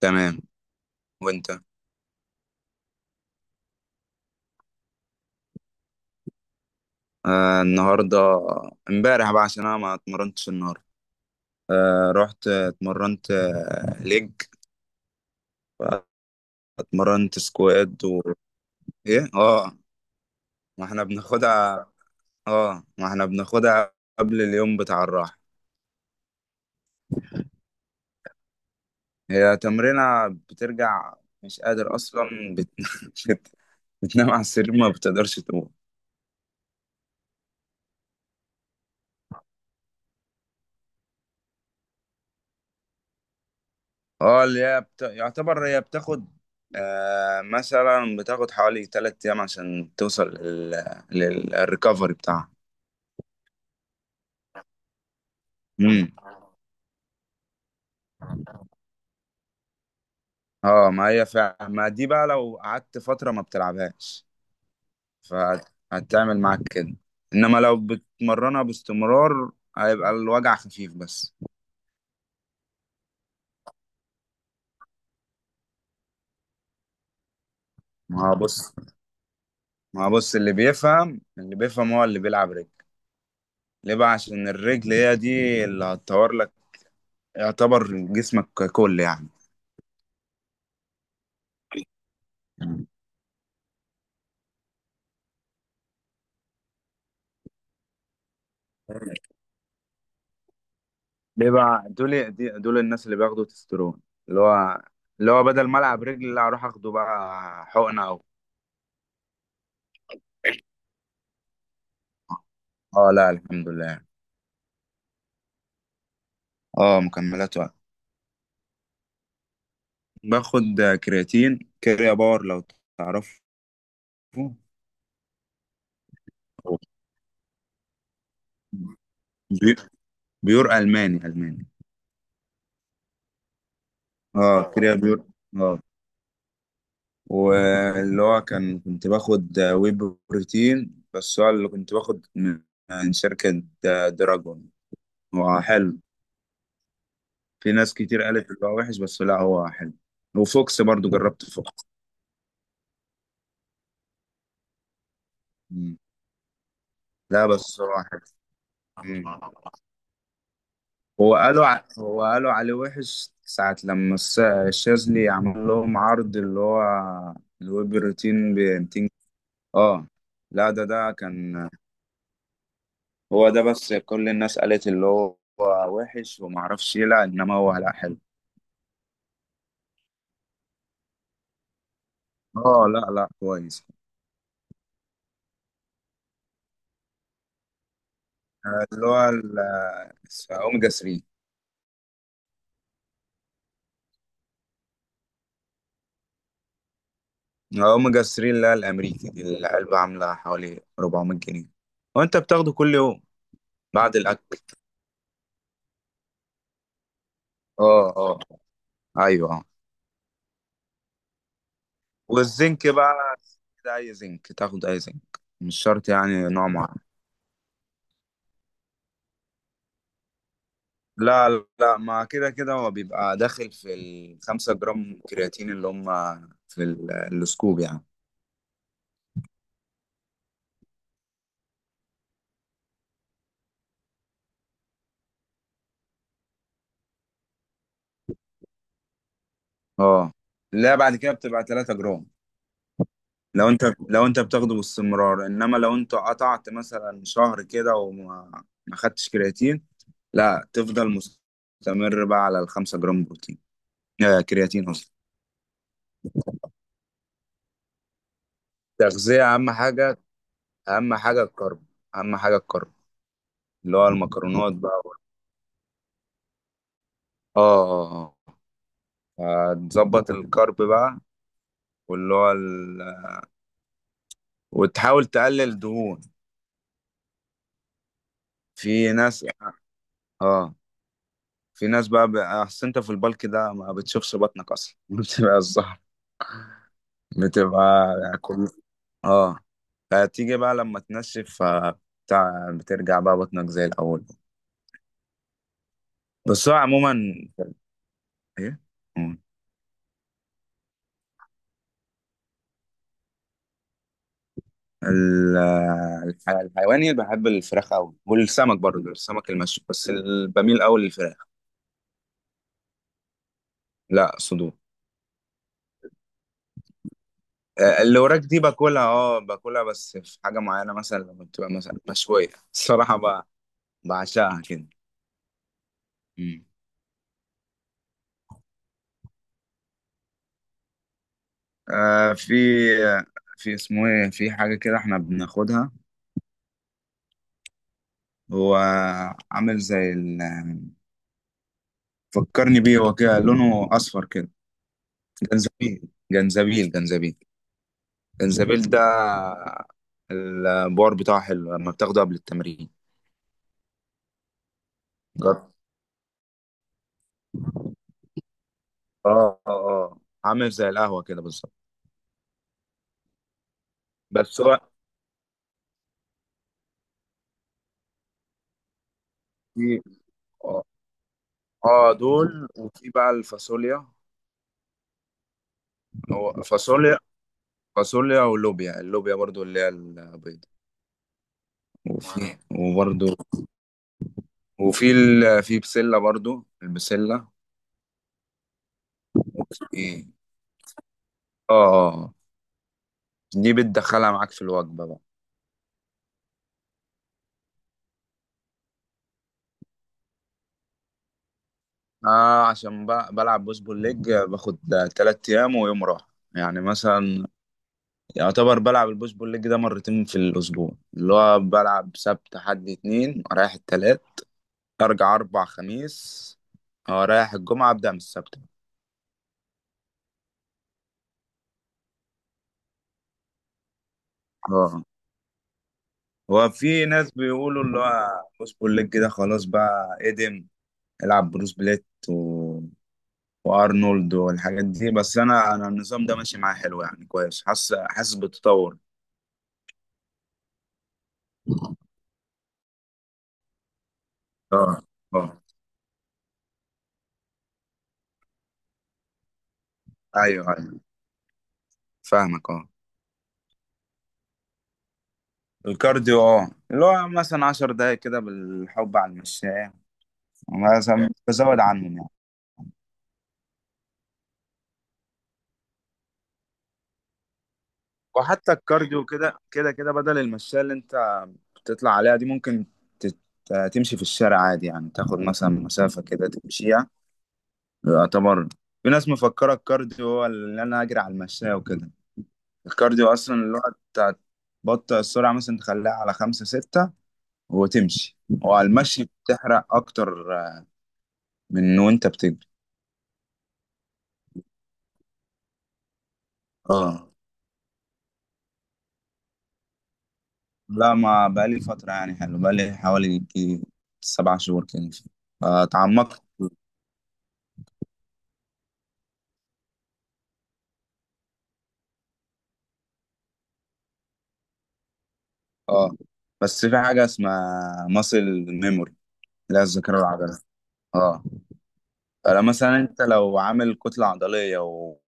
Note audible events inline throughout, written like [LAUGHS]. تمام. وانت؟ آه، النهارده، امبارح بقى، عشان انا ما اتمرنتش النهارده. آه، رحت اتمرنت، ليج. اتمرنت سكواد، و ايه اه ما احنا بناخدها اه ما احنا بناخدها قبل اليوم بتاع الراحة. هي تمرينة بترجع، مش قادر اصلا، [LAUGHS] بت... بتنام على السرير ما بتقدرش تقوم. اه، يعتبر هي بتاخد، آه، مثلا بتاخد حوالي 3 أيام عشان توصل للريكفري بتاعها. امم. اه، ما هي فعلا، ما دي بقى لو قعدت فترة ما بتلعبهاش فهتعمل معاك كده، انما لو بتمرنها باستمرار هيبقى الوجع خفيف بس. ما هو بص ما هو بص، اللي بيفهم هو اللي بيلعب رجل. ليه بقى؟ عشان الرجل هي دي اللي هتطور لك، يعتبر جسمك ككل. يعني بيبقى دول، دول الناس اللي بياخدوا تسترون، اللي هو اللي هو بدل ما العب رجل، لا، اروح اخده بقى حقنه اه، لا الحمد لله. اه، مكملات وقت. باخد كرياتين، كريا باور لو تعرفه. بي- بيور، الماني الماني. اه، كريا بيور. اه. واللي هو كنت باخد وي بروتين، بس هو اللي كنت باخد من شركة دراجون. هو حلو. في ناس كتير قالت اللي هو وحش، بس لا هو حلو. وفوكس برضو، جربت فوكس. مم. لا، بس هو حلو. مم. [LAUGHS] هو قالوا عليه وحش ساعة لما الشاذلي عمل لهم عرض، اللي هو الويب روتين ب 200. اه. لا، ده كان. هو ده، بس كل الناس قالت اللي هو وحش وما اعرفش ايه، لا، انما هو لا، حلو. اه، لا لا، كويس. آه، اللي هو ال- آه، اوميجا 3. اللي هي الامريكي دي، العلبه عامله حوالي 400 جنيه. وانت بتاخده كل يوم بعد الاكل. اه اه، ايوه، اه. والزنك بقى، ده اي زنك تاخد، اي زنك مش شرط يعني نوع معين. لا لا، ما كده كده هو بيبقى داخل في ال5 جرام كرياتين اللي هم في السكوب يعني. اه، لا، بعد كده بتبقى 3 جرام، لو انت لو انت بتاخده باستمرار، انما لو انت قطعت مثلا شهر كده وما ما خدتش كرياتين، لا، تفضل مستمر بقى على ال5 جرام بروتين. آه كرياتين اصلا. تغذية اهم حاجة، اهم حاجة الكرب، اهم حاجة الكرب اللي هو المكرونات بقى. اه اه اه هتظبط الكرب بقى. واللي هو ال... وتحاول تقلل دهون. في ناس اه في ناس بقى، اصل انت في البلك ده ما بتشوفش بطنك اصلا، [LAUGHS] بتبقى الظهر، بتبقى كل اه فتيجي بقى لما تنشف، ف- بتاع بترجع بقى بطنك زي الأول. بس هو عموما، ايه. مم. ال- الحيواني بحب الفراخ أوي، والسمك برضه السمك المشوي، بس بميل أوي للفراخ. لا، صدور. آه، اللي وراك دي باكلها، بس في حاجة معينة، مثلا لما بتبقى مثلا مشوية، [LAUGHS] الصراحة بعشقها كده. مم. آه، في. اسمه ايه، في حاجة كده احنا بناخدها، هو عامل زي ال... فكرني بيه، هو كده لونه اصفر كده. جنزبيل جنزبيل، جنزبيل. جنزبيل ده البار بتاعه حلو لما بتاخده قبل التمرين. جر- اه اه آه. عامل زي القهوة كده بالظبط. بس هو في، اه آه، دول، وفي بقى الفاصوليا. هو فاصوليا، فاصوليا ولوبيا، اللوبيا برضو اللي هي البيضة. وفي، وبرضو. في بسلة برضو، البسلة. وفي اه آه. دي بتدخلها معاك في الوجبة بقى. آه، عشان بقى بلعب بوش بول ليج، باخد 3 أيام ويوم راحة. يعني مثلا يعتبر بلعب البوش بول ليج ده مرتين في الأسبوع، اللي هو بلعب سبت حد اتنين، رايح التلات، أرجع أربع خميس. اه، رايح الجمعة أبدأ من السبت. اه، هو في ناس بيقولوا اللي هو بوش بول ليج ده خلاص بقى ادم، العب بروس بليت وارنولد والحاجات دي، بس انا، النظام ده ماشي معايا حلو يعني، كويس، حاسس بالتطور. اه اه، ايوه ايوه، فاهمك، اه. الكارديو، اللي هو مثلا 10 دقايق كده بالحب على المشاية، مثلا بزود عنهم يعني. وحتى الكارديو، كده كده كده بدل المشاية اللي انت بتطلع عليها دي، ممكن تت- تمشي في الشارع عادي، يعني تاخد مثلا مسافة كده تمشيها. يعتبر في ناس مفكرة الكارديو هو اللي انا اجري على المشاية وكده. الكارديو اصلا تبطئ السرعة، مثلا تخليها على خمسة ستة وتمشي، وعلى المشي بتحرق اكتر من وانت بتجري. اه، لا، ما بقالي فترة يعني، حلو، بقالي حوالي يجي 7 شهور كده، اتعمقت. اه، بس في حاجة اسمها ماسل ميموري، اللي هي الذاكرة العضلية. اه. فلا مثلا انت لو عامل كتلة عضلية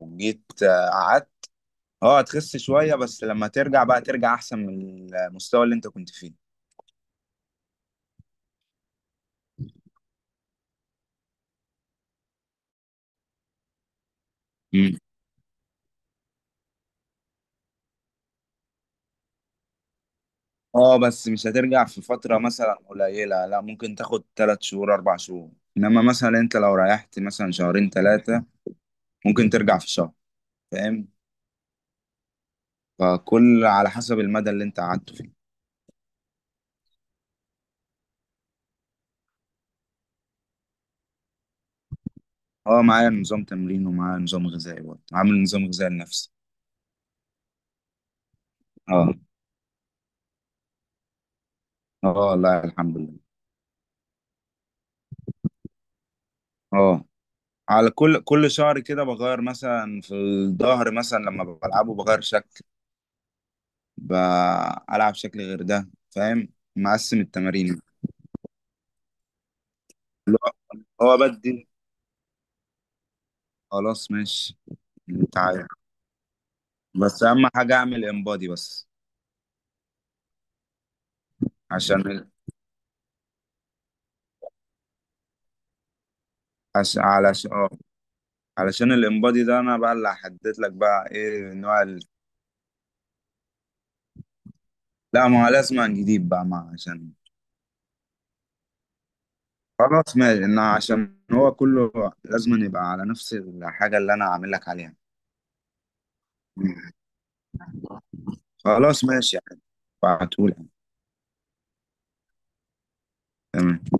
وجيت، قعدت، اه هتخس شوية، بس لما ترجع بقى ترجع احسن من المستوى اللي انت كنت فيه. اه، بس مش هترجع في فترة مثلا قليلة، لا، ممكن تاخد 3 شهور 4 شهور. إنما مثلا أنت لو ريحت مثلا شهرين تلاتة ممكن ترجع في شهر، فاهم؟ فكل على حسب المدى اللي أنت قعدته فيه. اه، معايا نظام تمرين ومعايا نظام غذائي، برضه عامل نظام غذائي لنفسي. اه اه، لا الحمد لله. اه، على كل شهر كده بغير، مثلا في الظهر مثلا لما بلعبه بغير شكل، بلعب شكل غير ده، فاهم؟ مقسم التمارين. اللي هو بدي، خلاص ماشي، تعالى، بس اهم حاجه اعمل انبادي بس. عشان ال... عش... علشان اه علشان الانبادي ده انا بقى اللي هحدد لك بقى ايه نوع لا، ما هو لازم نجيب بقى ما عشان، خلاص ماشي، إن عشان هو كله لازم يبقى على نفس الحاجه اللي انا عامل لك عليها. مم. خلاص ماشي يعني، بعتهولك، تمام.